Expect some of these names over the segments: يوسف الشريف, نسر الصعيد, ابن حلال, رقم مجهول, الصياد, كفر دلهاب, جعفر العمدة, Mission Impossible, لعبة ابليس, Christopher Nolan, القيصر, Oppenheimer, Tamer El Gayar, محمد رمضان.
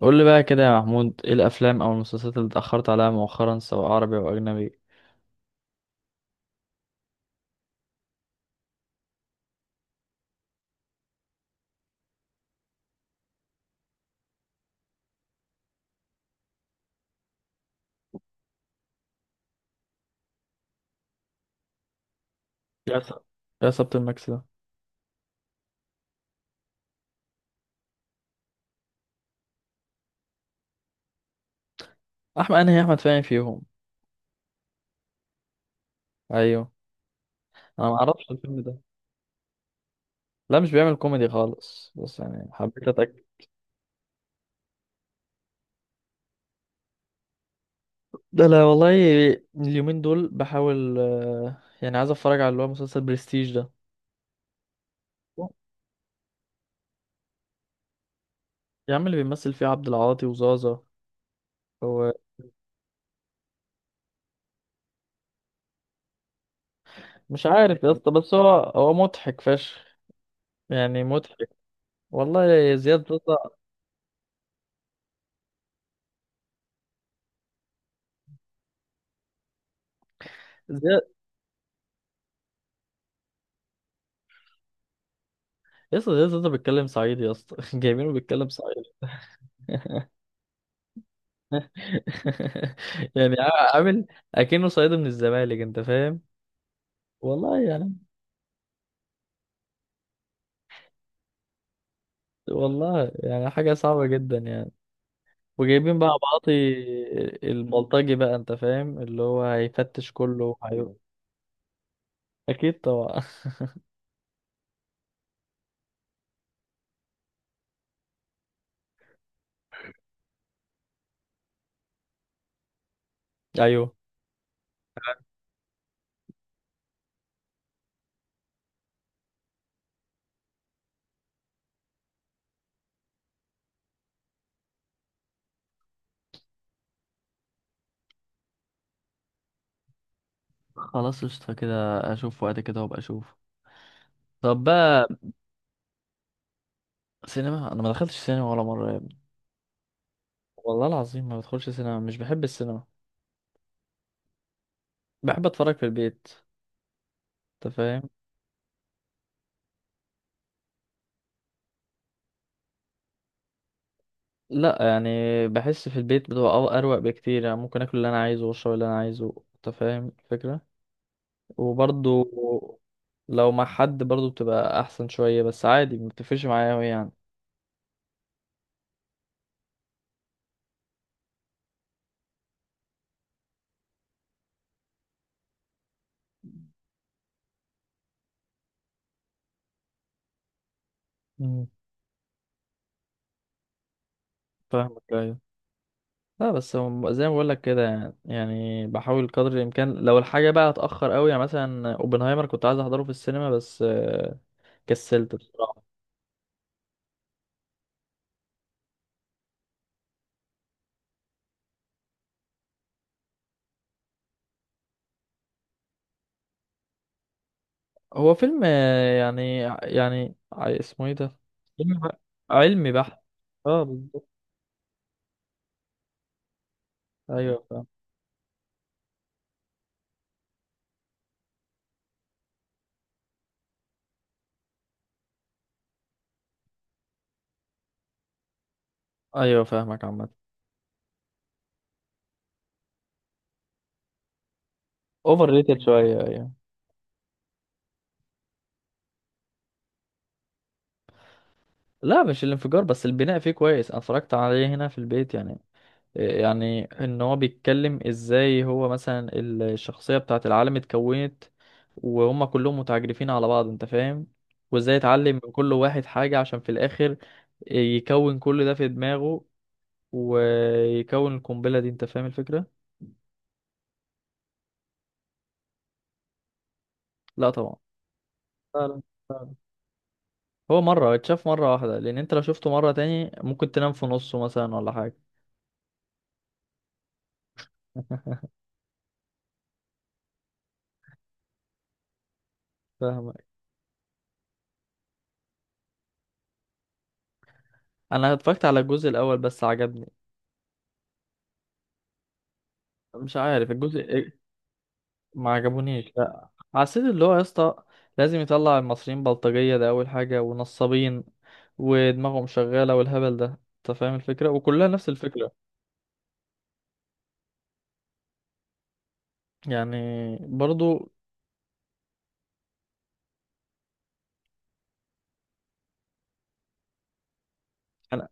قول لي بقى كده يا محمود، ايه الافلام او المسلسلات اللي اتاخرت عليها مؤخرا سواء عربي او اجنبي؟ يا سب- يا سبت المكس ده. احمد، انا هي احمد فاهم فيهم. ايوه. انا ما اعرفش الفيلم ده. لا، مش بيعمل كوميدي خالص، بس يعني حبيت اتاكد. ده، لا والله. اليومين دول بحاول، يعني عايز اتفرج على اللي هو مسلسل برستيج ده. يا عم، اللي بيمثل فيه عبد العاطي وزازا هو. مش عارف يا اسطى، بس هو مضحك فشخ. يعني مضحك. والله. زياد زازا. يا اسطى، يا اسطى، انت بتتكلم صعيدي يا اسطى. جايبينه بيتكلم صعيدي. يعني عامل اكنه صعيدي من الزمالك، انت فاهم. والله يعني. والله يعني حاجه صعبه جدا يعني. وجايبين بقى بعاطي البلطجي بقى، انت فاهم، اللي هو هيفتش كله. ايوه. اكيد طبعا. ايوه. خلاص قشطه كده. اشوف وقت كده وابقى اشوف. طب بقى. سينما، انا ما دخلتش سينما ولا مره يا ابني. والله العظيم ما بدخلش سينما، مش بحب السينما. بحب اتفرج في البيت. انت فاهم. لا يعني. بحس في البيت بتبقى اروق بكتير، يعني ممكن اكل اللي انا عايزه واشرب اللي انا عايزه، انت فاهم الفكره. وبرضو، لو مع حد برضو بتبقى احسن شويه، بس عادي ما بتفرقش معايا أوي يعني. مم. فاهمك، ايوه. لا بس هو زي ما بقول لك كده، يعني بحاول قدر الامكان لو الحاجه بقى اتاخر قوي، يعني مثلا اوبنهايمر كنت عايز احضره في السينما، بس كسلت بصراحه. هو فيلم، يعني اسمه ايه ده؟ فيلم علمي بحت. اه بالظبط. ايوه فاهم. ايوه فاهمك عامة. اوفر ريتد شوية، ايوه. لا، مش الانفجار بس، البناء فيه كويس، انا اتفرجت عليه هنا في البيت يعني. يعني ان هو بيتكلم ازاي، هو مثلا الشخصية بتاعت العالم اتكونت، وهم كلهم متعجرفين على بعض، انت فاهم، وازاي اتعلم من كل واحد حاجة عشان في الاخر، يكون كل ده في دماغه ويكون القنبلة دي، انت فاهم الفكرة؟ لا طبعا. لا، لا. هو مرة اتشاف مرة واحدة، لأن أنت لو شفته مرة تاني ممكن تنام في نصه مثلا ولا حاجة. فاهمك. أنا اتفرجت على الجزء الأول، بس عجبني. مش عارف الجزء إيه؟ ما عجبونيش، لا. حسيت اللي هو يا اسطى، لازم يطلع المصريين بلطجية، ده أول حاجة، ونصابين ودماغهم شغالة والهبل ده. أنت فاهم الفكرة، وكلها نفس الفكرة. يعني. برضو. أنا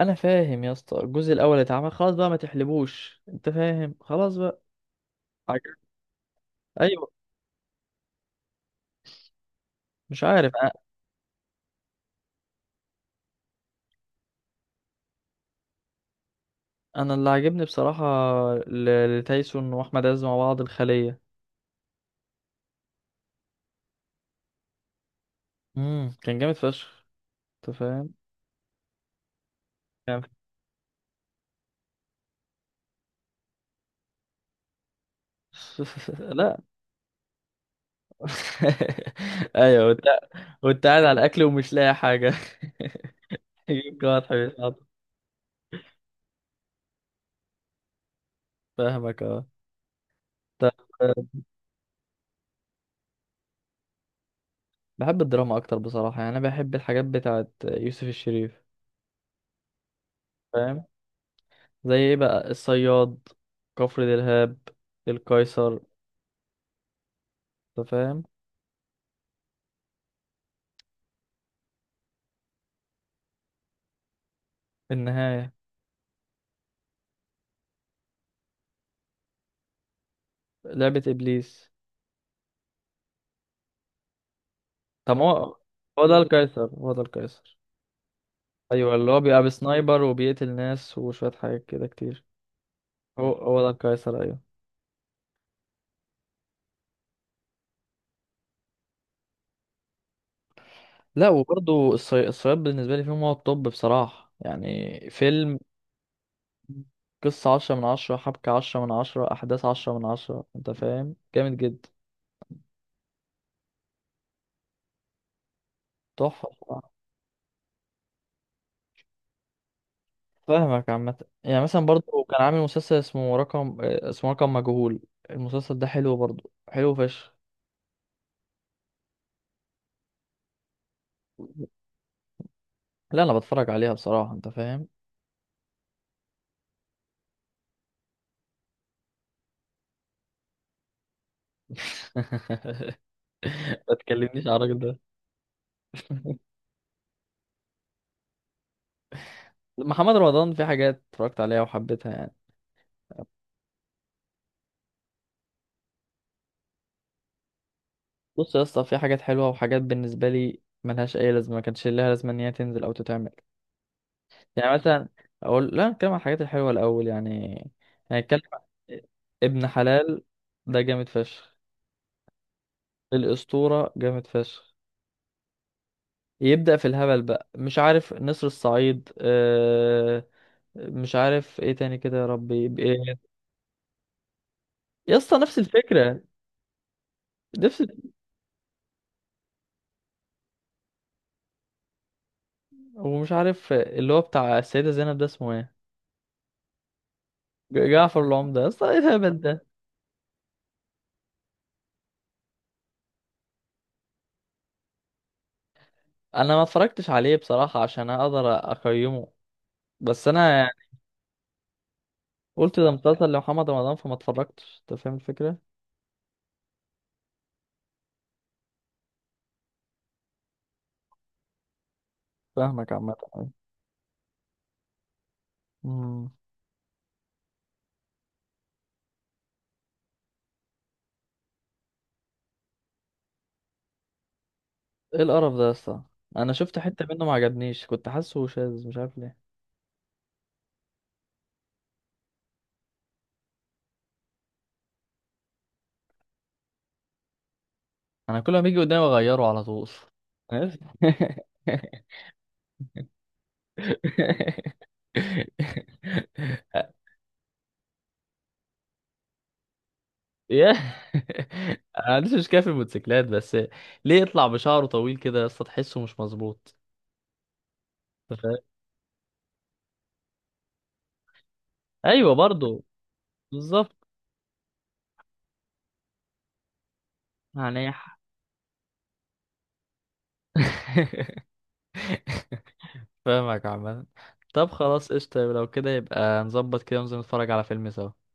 أنا فاهم يا اسطى، الجزء الأول اتعمل خلاص بقى، ما تحلبوش، أنت فاهم، خلاص بقى. عجب. أيوه. مش عارف. انا اللي عجبني بصراحه لتايسون واحمد عز مع بعض الخليه. كان جامد فشخ، انت فاهم. كان. لا. ايوه، وانت قاعد على الاكل ومش لاقي حاجه. يجيب واضح بيتحط. فاهمك، اه. طب. بحب الدراما اكتر بصراحه، يعني انا بحب الحاجات بتاعت يوسف الشريف. فاهم. زي ايه بقى، الصياد، كفر دلهاب، القيصر. انت فاهم. النهايه. لعبه ابليس. طب هو ده القيصر، هو ده القيصر. ايوه، اللي هو بيبقى بسنايبر وبيقتل ناس وشويه حاجات كده كتير. هو ده القيصر، ايوه. لا وبرضه، الصياد بالنسبه لي فيهم هو الطب بصراحه، يعني فيلم. قصه 10/10، حبكه 10/10، احداث 10/10، انت فاهم، جامد جدا. تحفه بصراحة. فاهمك عامه. يعني مثلا برضه كان عامل مسلسل اسمه رقم مجهول. المسلسل ده حلو برضه، حلو فشخ. لا انا بتفرج عليها بصراحه، انت فاهم. ما تكلمنيش على الراجل ده. محمد رمضان في حاجات اتفرجت عليها وحبيتها يعني. بص يا اسطى، في حاجات حلوه، وحاجات بالنسبه لي ملهاش اي لازمه، ما كانش لها لازمه ان هي تنزل او تتعمل. يعني مثلا. اقول، لا نتكلم عن الحاجات الحلوه الاول يعني. هنتكلم عن ابن حلال. ده جامد فشخ. الاسطوره جامد فشخ. يبدا في الهبل بقى، مش عارف، نسر الصعيد، مش عارف ايه تاني كده، يا ربي يا اسطى نفس الفكره. نفس. ومش عارف اللي هو بتاع السيدة زينب ده اسمه ايه. جعفر العمدة، يا اسطى ايه الهبل ده. انا ما اتفرجتش عليه بصراحة عشان اقدر اقيمه، بس انا يعني قلت ده مسلسل لمحمد رمضان فما اتفرجتش، انت فاهم الفكرة. فاهمك عامة أوي. امم. ايه القرف ده يا اسطى؟ انا شفت حتة منه ما عجبنيش، كنت حاسه شاذ، مش عارف ليه. انا كل ما بيجي قدامي اغيره على طول. عارف؟ يا انا ما عنديش مشكله في الموتوسيكلات، بس ليه يطلع بشعره طويل كده يا اسطى، تحسه مش مظبوط. أنت فاهم؟ ايوه برضو. بالظبط. هنيح. فاهمك عامة. طب خلاص قشطة، لو كده يبقى نظبط كده وننزل نتفرج على فيلم سوا